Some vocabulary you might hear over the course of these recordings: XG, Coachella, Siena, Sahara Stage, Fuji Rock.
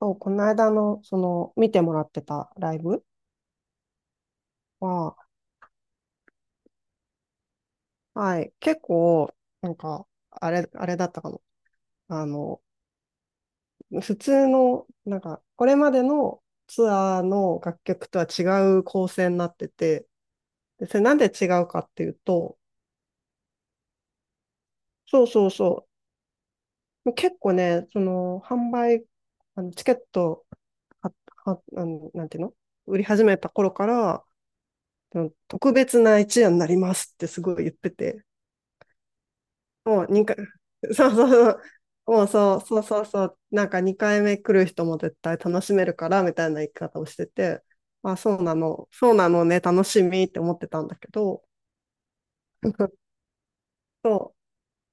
そう、この間の、見てもらってたライブは、はい、結構、なんか、あれ、あれだったかも。あの、普通の、これまでのツアーの楽曲とは違う構成になってて、で、それなんで違うかっていうと、そうそうそう、結構ね、その、販売、あのチケットは、なんていうの、売り始めた頃から、その特別な一夜になりますってすごい言ってて、もう2回、そうそうそう、もうそうそうそうそう、なんか2回目来る人も絶対楽しめるからみたいな言い方をしてて、あ、そうなの、そうなのね、楽しみって思ってたんだけど、そ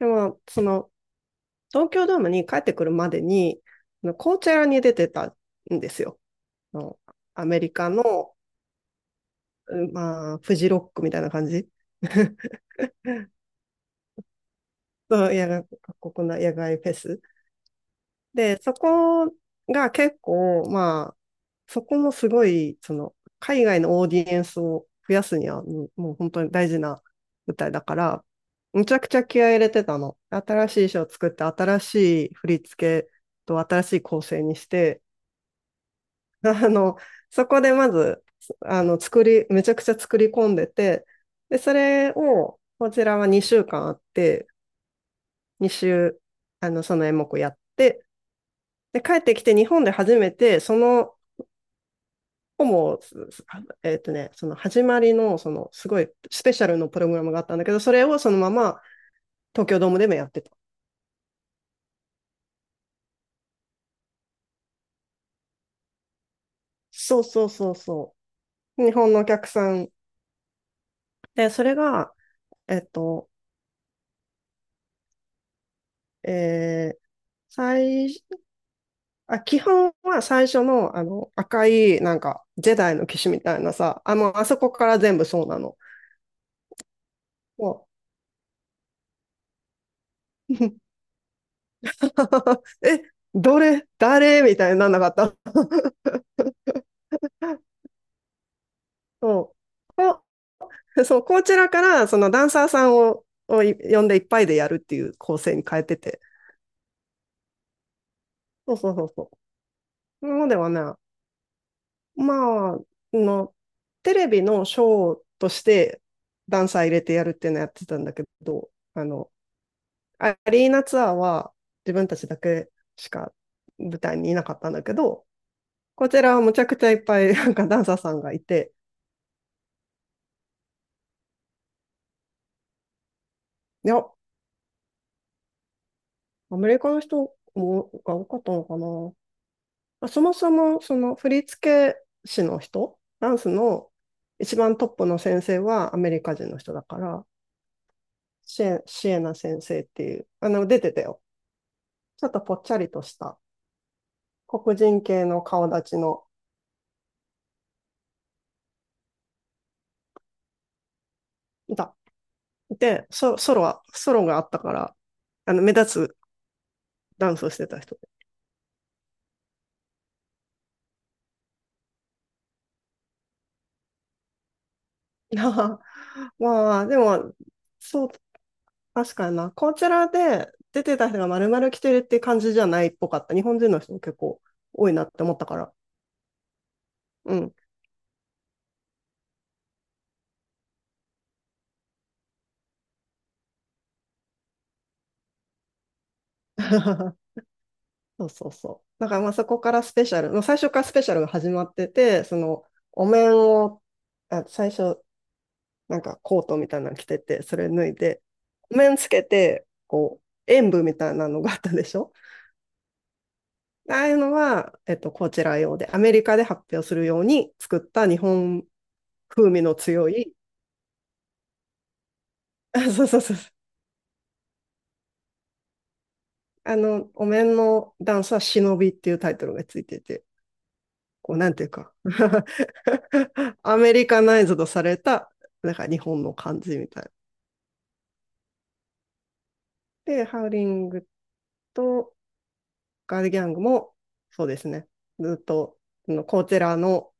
う、でも、その、東京ドームに帰ってくるまでに、あのコーチェラに出てたんですよ。あのアメリカの、うんまあ、フジロックみたいな感じ。そう、野外、各国の野外フェス。で、そこが結構、まあ、そこもすごい、その、海外のオーディエンスを増やすには、もう本当に大事な舞台だから、むちゃくちゃ気合い入れてたの。新しい衣装作って、新しい振り付けと新しい構成にして、あの、そこでまず、あの、めちゃくちゃ作り込んでて、で、それを、こちらは2週間あって、2週、あの、その演目やって、で、帰ってきて日本で初めて、その、もう、えっとね、その始まりの、その、すごいスペシャルのプログラムがあったんだけど、それをそのまま東京ドームでもやってた。そうそうそうそう。日本のお客さん。で、それが、えっと、えー、最、基本は最初の、あの、赤い、なんか、ジェダイの騎士みたいなさ、あの、もうあそこから全部そうなの。もう、え、誰みたいになんなかった。そう。そう、こちらから、そのダンサーさんを呼んでいっぱいでやるっていう構成に変えてて。そうそうそうそう。なのではね、まあ、の、テレビのショーとしてダンサー入れてやるっていうのやってたんだけど、あの、アリーナツアーは自分たちだけしか舞台にいなかったんだけど、こちらはむちゃくちゃいっぱいなんかダンサーさんがいて、いや、アメリカの人もが多かったのかな。まあそもそも、その振付師の人、ダンスの一番トップの先生はアメリカ人の人だから、シエナ先生っていう、あの、出てたよ。ちょっとぽっちゃりとした黒人系の顔立ちの、いた。いて、ソロがあったから、あの、目立つダンスをしてた人で。まあ、でも、そう、確かにな。こちらで出てた人が丸々来てるって感じじゃないっぽかった。日本人の人も結構多いなって思ったから。うん。そうそうそう。だからまあそこからスペシャル、もう最初からスペシャルが始まってて、そのお面を、あ、最初なんかコートみたいなの着てて、それ脱いで、お面つけて、こう、演舞みたいなのがあったでしょ。ああいうのは、えっと、こちら用で、アメリカで発表するように作った日本風味の強い、あ、そうそうそうそう。あの、お面のダンスは忍びっていうタイトルがついてて、こう、なんていうか アメリカナイズドされた、なんか日本の感じみたい。で、ハウリングとガールギャングも、そうですね。ずっと、コーチェラの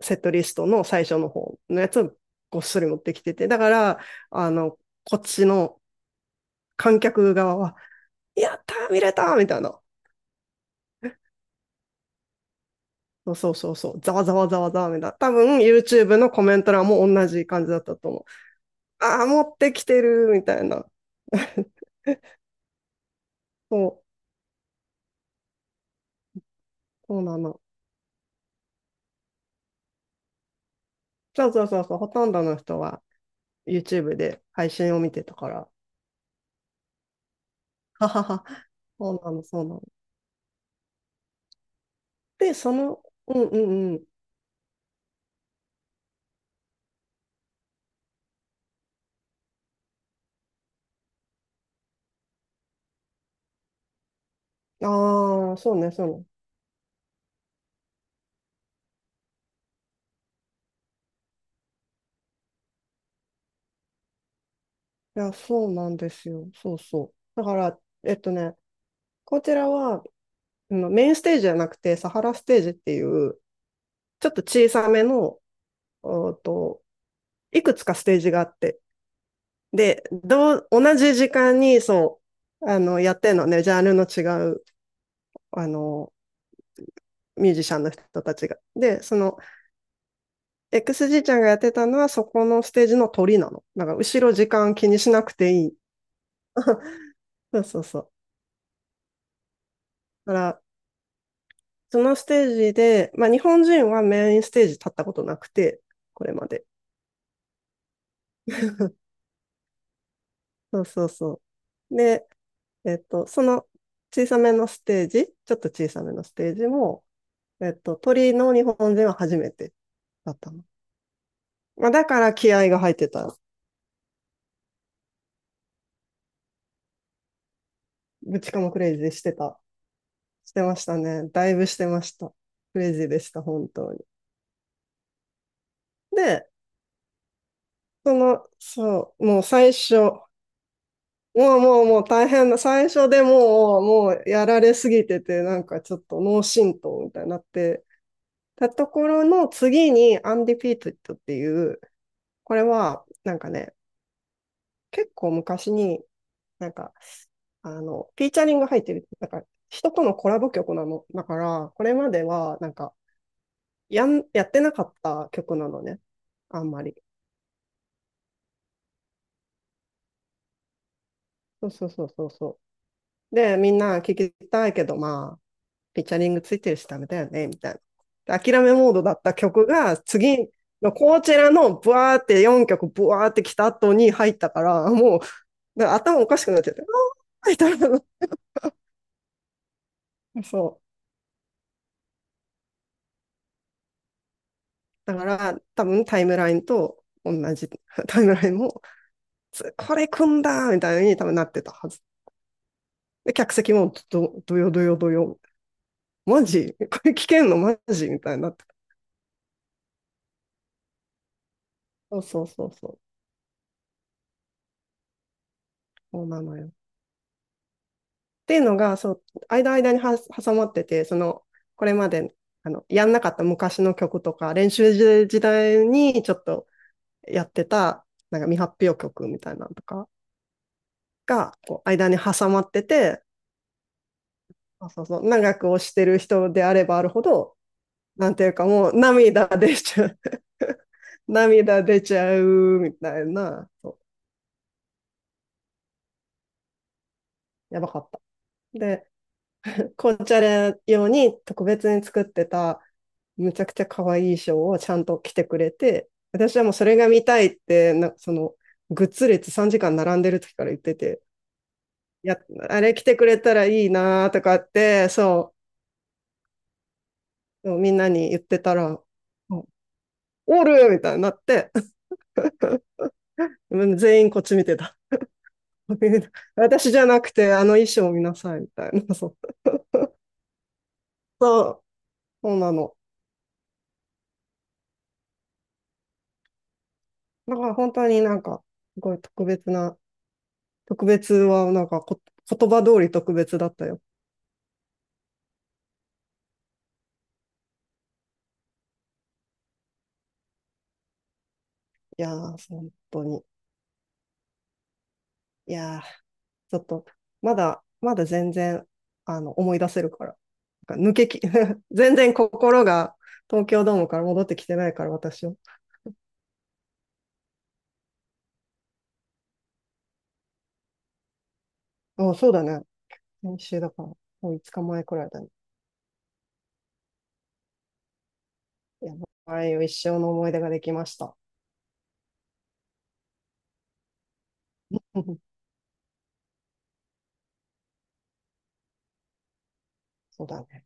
セットリストの最初の方のやつをごっそり持ってきてて、だから、あの、こっちの観客側は、やったー見れたーみたいな。そうそうそうそう。ざわざわざわざわみたいな。多分 YouTube のコメント欄も同じ感じだったと思う。ああ、持ってきてるみたいな。そう、そうなの。そうそうそうそう、ほとんどの人は YouTube で配信を見てたから。ははは。そうなの、そうなの。で、んうん。ああ、そうね、そうね。いや、そうなんですよ。そうそう。だから、えっとね、こちらは、あのメインステージじゃなくて、サハラステージっていう、ちょっと小さめの、おーと、いくつかステージがあって、で、同じ時間に、そう、あの、やってんのね、ジャンルの違う、あの、ミュージシャンの人たちが。で、その XG ちゃんがやってたのはそこのステージの鳥なの。だから後ろ時間気にしなくていい。そうそうそう。だから、そのステージで、まあ日本人はメインステージ立ったことなくて、これまで。そうそうそう。で、えっと、その小さめのステージ、ちょっと小さめのステージも、えっと、鳥の日本人は初めてだったの。まあだから気合が入ってた。ぶちかもクレイジーしてた、してましたね。だいぶしてました。クレイジーでした、本当に。で、その、そう、もう最初、もうもうもう大変だ。最初でもう、もうやられすぎてて、なんかちょっと脳震盪みたいになって、たところの次にアンディピートっていう、これはなんかね、結構昔になんか、あの、フィーチャリング入ってる、なんか人とのコラボ曲なの。だから、これまではなんかやってなかった曲なのね。あんまり。そうそうそうそうそう。で、みんな聞きたいけど、まあ、ピッチャリングついてるしダメだよね、みたいな。で諦めモードだった曲が、次のこちらのブワーって4曲ブワーって来た後に入ったから、もう、で頭おかしくなっちゃって、あーみたいな。そう。だから、多分タイムラインと同じ、タイムラインも、つこれ組んだみたいに多分なってたはず。で、客席もどよどよどよ。マジこれ聞けんのマジみたいになってた。そうそうそうそう。そうなのよ。っていうのが、そう、間間には挟まってて、その、これまで、あの、やんなかった昔の曲とか、練習時代にちょっとやってた、なんか未発表曲みたいなのとかが、こう、間に挟まってて、あそうそう、長く推してる人であればあるほど、なんていうかもう涙出ちゃう、 涙出ちゃうみたいな、そうやばかった。で、紅茶レ用に特別に作ってた、むちゃくちゃ可愛い衣装をちゃんと着てくれて、私はもうそれが見たいって、なその、グッズ列3時間並んでる時から言ってて、いや、あれ着てくれたらいいなとかって、そう、みんなに言ってたら、おるみたいになって、 全員こっち見てた。 私じゃなくて、あの衣装を見なさい、みたいな。 そう、そうなの。だから本当になんか、すごい特別な特別は、なんかこ、言葉通り特別だったよ。いやー、本当に。いやー、ちょっと、まだ全然、あの、思い出せるから。なんか抜けき、全然心が東京ドームから戻ってきてないから、私は。あ、そうだね。先週だから、もう5日前くらいだね。いや、ああいう一生の思い出ができました。そうだね。